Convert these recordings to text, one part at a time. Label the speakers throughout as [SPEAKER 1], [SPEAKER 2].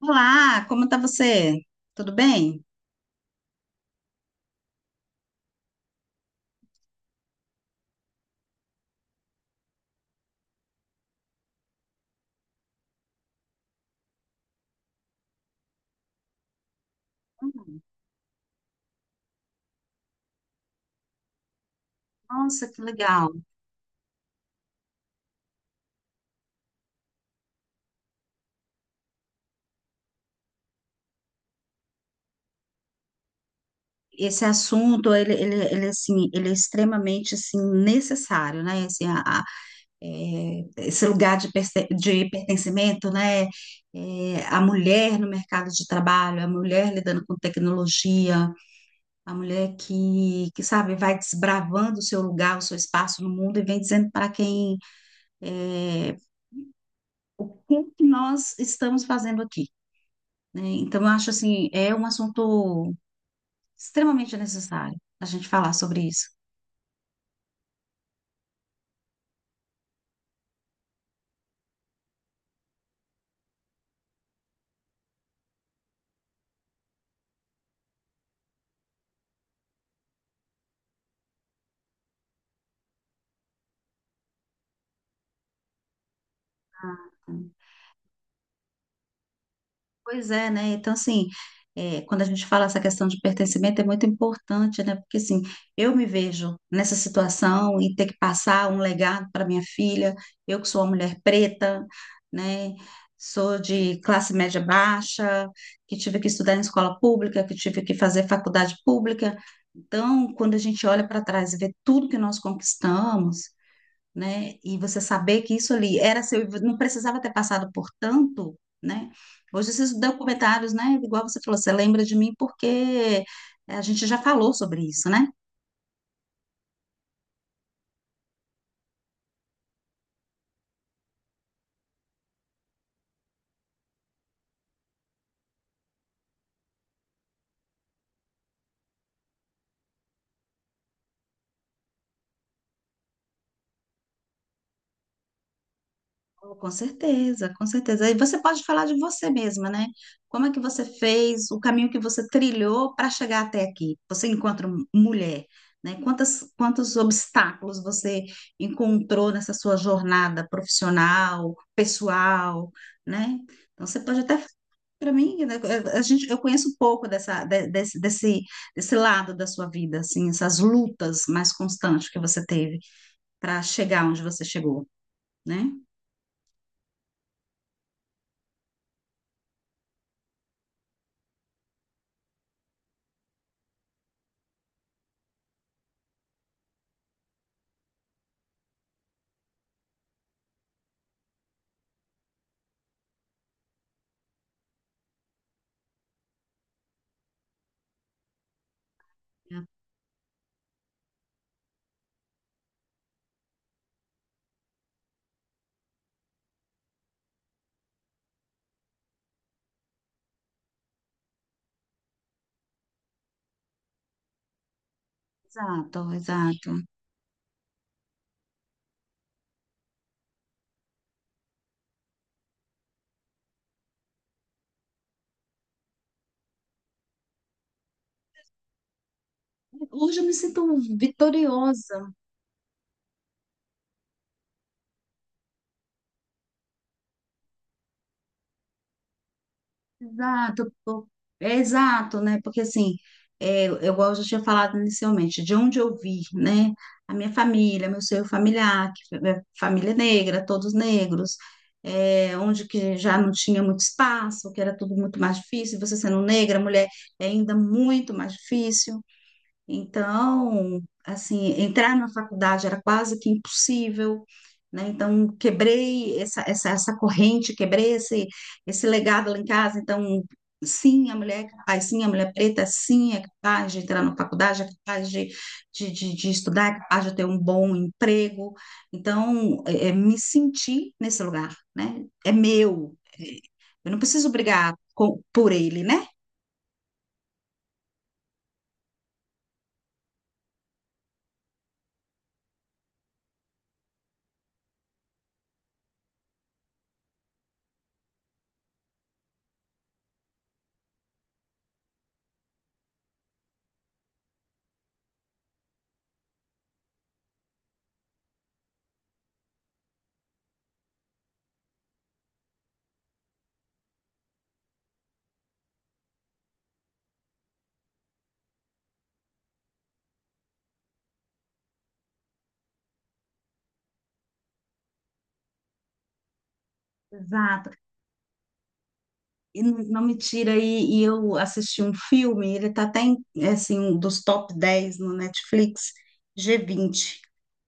[SPEAKER 1] Olá, como está você? Tudo bem? Hum, Nossa, que legal. Esse assunto, ele é extremamente, assim, necessário, né? Assim, esse lugar de, de pertencimento, né? É, a mulher no mercado de trabalho, a mulher lidando com tecnologia, a mulher que sabe, vai desbravando o seu lugar, o seu espaço no mundo e vem dizendo para quem, é, o que que nós estamos fazendo aqui, né? Então, eu acho assim, é um assunto extremamente necessário a gente falar sobre isso. Pois é, né? Então, assim, quando a gente fala essa questão de pertencimento, é muito importante, né? Porque, assim, eu me vejo nessa situação e ter que passar um legado para minha filha, eu que sou uma mulher preta, né? Sou de classe média baixa, que tive que estudar em escola pública, que tive que fazer faculdade pública. Então, quando a gente olha para trás e vê tudo que nós conquistamos, né? E você saber que isso ali era seu, não precisava ter passado por tanto, né? Hoje esses documentários, né? Igual você falou, você lembra de mim porque a gente já falou sobre isso, né? Oh, com certeza, com certeza. E você pode falar de você mesma, né? Como é que você fez, o caminho que você trilhou para chegar até aqui? Você encontra mulher, né? Quantos obstáculos você encontrou nessa sua jornada profissional, pessoal, né? Então, você pode até, para mim, né, eu conheço pouco desse desse, lado da sua vida, assim, essas lutas mais constantes que você teve para chegar onde você chegou, né? Exato, exato. Hoje eu me sinto vitoriosa. Exato, pô. É exato, né? Porque assim, eu, igual eu já tinha falado inicialmente, de onde eu vi, né? A minha família, meu seio familiar, que é família é negra, todos negros, onde que já não tinha muito espaço, que era tudo muito mais difícil, você sendo negra, mulher, é ainda muito mais difícil. Então, assim, entrar na faculdade era quase que impossível, né? Então, quebrei essa corrente, quebrei esse, esse legado lá em casa. Então, sim, a mulher é capaz, sim, a mulher preta, sim, é capaz de entrar na faculdade, é capaz de estudar, é capaz de ter um bom emprego. Então, me senti nesse lugar, né? É meu. Eu não preciso brigar por ele, né? Exato. E não, não me tira aí, e eu assisti um filme, ele tá até em, é assim, um dos top 10 no Netflix, G20,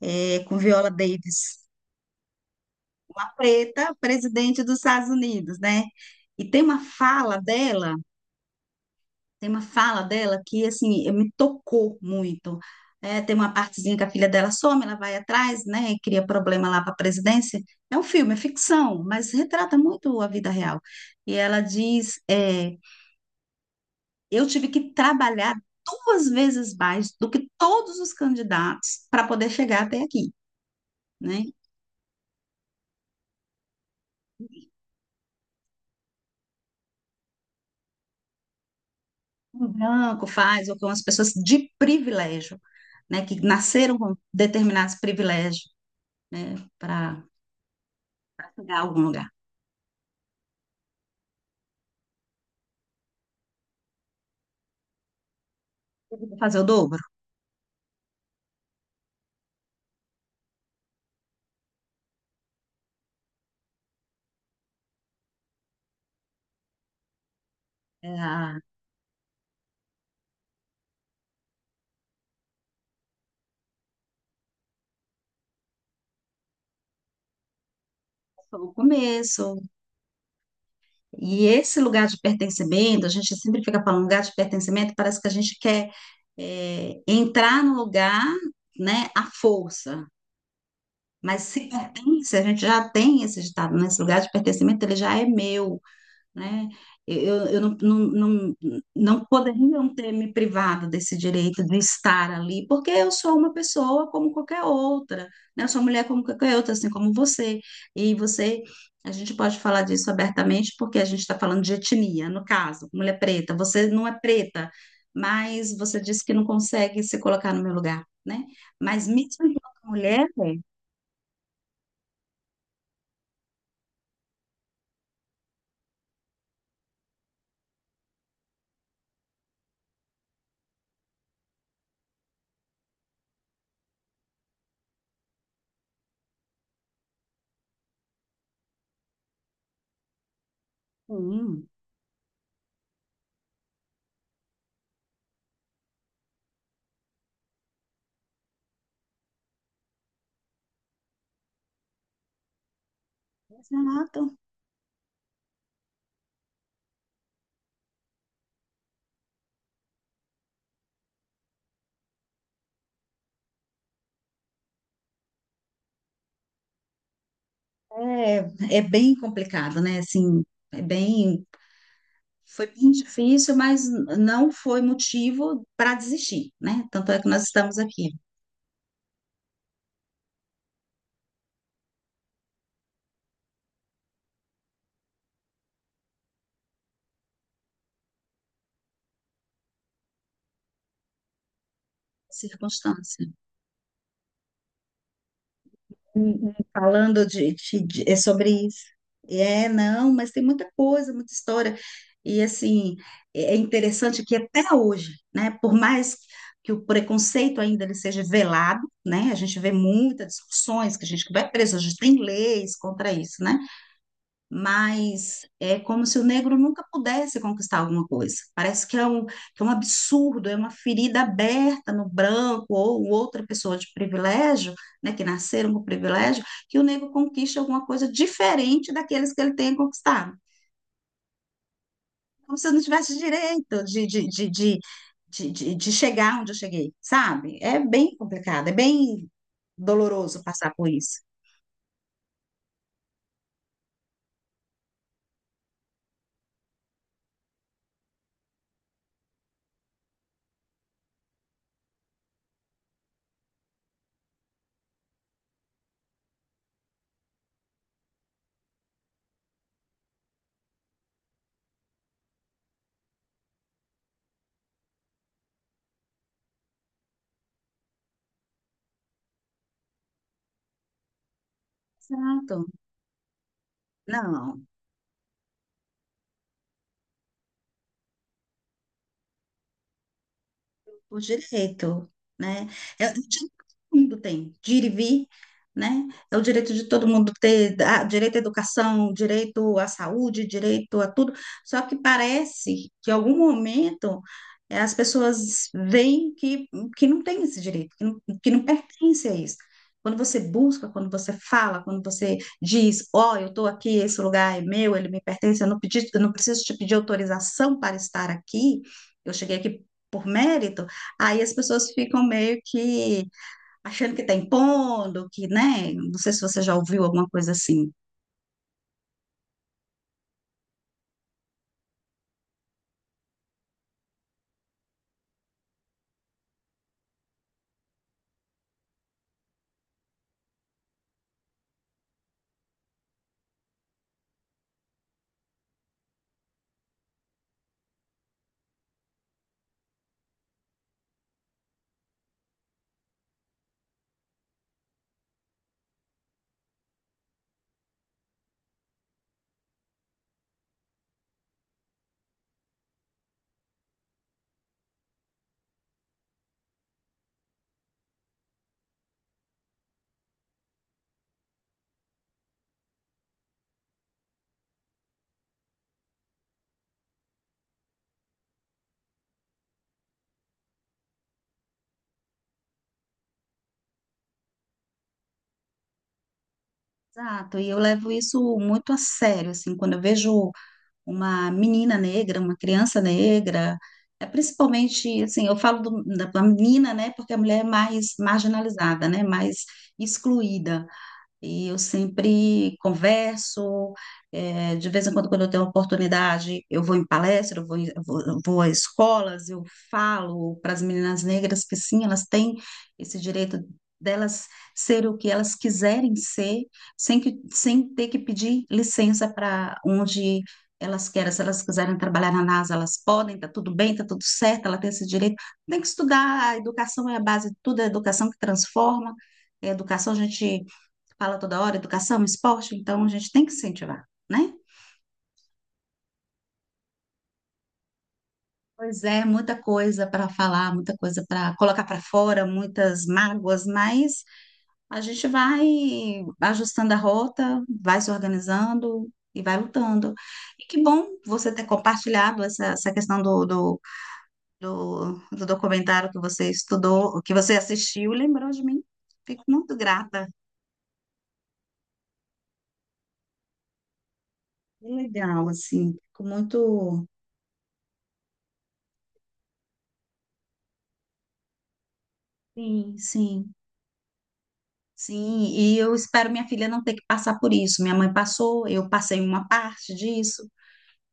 [SPEAKER 1] é, com Viola Davis, uma preta, presidente dos Estados Unidos, né? E tem uma fala dela, tem uma fala dela que, assim, me tocou muito. É, tem uma partezinha que a filha dela some, ela vai atrás, né, e cria problema lá para a presidência. É um filme, é ficção, mas retrata muito a vida real. E ela diz, eu tive que trabalhar 2 vezes mais do que todos os candidatos para poder chegar até aqui, né? Um branco faz, ou com as pessoas de privilégio, né? Que nasceram com determinados privilégios, né? Para chegar a algum lugar. Tive que fazer o dobro. É, foi o começo. E esse lugar de pertencimento, a gente sempre fica falando lugar de pertencimento, parece que a gente quer, entrar no lugar, né? À força. Mas se pertence, a gente já tem esse ditado, né? Esse lugar de pertencimento, ele já é meu, né? Eu não poderia não ter me privado desse direito de estar ali, porque eu sou uma pessoa como qualquer outra, né? Eu sou mulher como qualquer outra, assim como você. E você, a gente pode falar disso abertamente, porque a gente está falando de etnia, no caso, mulher preta. Você não é preta, mas você disse que não consegue se colocar no meu lugar, né? Mas mesmo enquanto mulher, sim. Exato. É, é bem complicado, né? Assim, é bem, foi bem difícil, mas não foi motivo para desistir, né? Tanto é que nós estamos aqui, circunstância. Falando de, é sobre isso. É, não, mas tem muita coisa, muita história. E assim, é é interessante que até hoje, né? Por mais que o preconceito ainda ele seja velado, né? A gente vê muitas discussões que a gente que vai preso, a gente tem leis contra isso, né? Mas é como se o negro nunca pudesse conquistar alguma coisa. Parece que é um absurdo, é uma ferida aberta no branco ou outra pessoa de privilégio, né, que nasceram com privilégio, que o negro conquiste alguma coisa diferente daqueles que ele tem conquistado. Como se eu não tivesse direito de chegar onde eu cheguei, sabe? É bem complicado, é bem doloroso passar por isso. Exato. Não, o direito, né? É o direito que todo mundo tem, de ir e vir, né? É o direito de todo mundo ter, ah, direito à educação, direito à saúde, direito a tudo. Só que parece que em algum momento, eh, as pessoas veem que não tem esse direito, que não pertence a isso. Quando você busca, quando você fala, quando você diz, ó, eu estou aqui, esse lugar é meu, ele me pertence, eu não pedi, eu não preciso te pedir autorização para estar aqui, eu cheguei aqui por mérito. Aí as pessoas ficam meio que achando que está impondo, que, né? Não sei se você já ouviu alguma coisa assim. Exato, e eu levo isso muito a sério, assim, quando eu vejo uma menina negra, uma criança negra, é principalmente, assim, eu falo da da menina, né, porque a mulher é mais marginalizada, né, mais excluída. E eu sempre converso, eh, de vez em quando, quando eu tenho oportunidade, eu vou em palestra, eu vou a escolas, eu falo para as meninas negras que sim, elas têm esse direito delas ser o que elas quiserem ser, sem que, sem ter que pedir licença para onde elas querem. Se elas quiserem trabalhar na NASA, elas podem, tá tudo bem, tá tudo certo, ela tem esse direito. Tem que estudar, a educação é a base de tudo, é a educação que transforma. É a educação, a gente fala toda hora, educação, esporte, então a gente tem que incentivar, né? Pois é, muita coisa para falar, muita coisa para colocar para fora, muitas mágoas, mas a gente vai ajustando a rota, vai se organizando e vai lutando. E que bom você ter compartilhado essa, essa questão do documentário que você estudou, que você assistiu, lembrou de mim. Fico muito grata. Que legal, assim. Fico muito. Sim, sim. Sim, e eu espero minha filha não ter que passar por isso. Minha mãe passou, eu passei uma parte disso,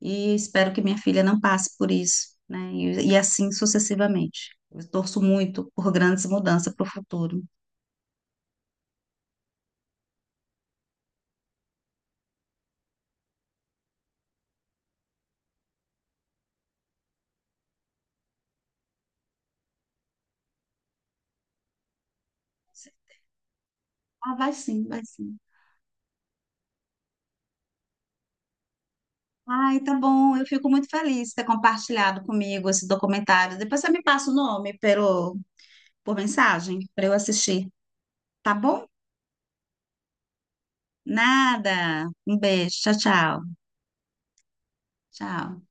[SPEAKER 1] e espero que minha filha não passe por isso, né? E assim sucessivamente. Eu torço muito por grandes mudanças para o futuro. Ah, vai sim, vai sim. Ai, tá bom. Eu fico muito feliz de ter compartilhado comigo esse documentário. Depois você me passa o nome pelo, por mensagem para eu assistir, tá bom? Nada. Um beijo. Tchau, tchau. Tchau.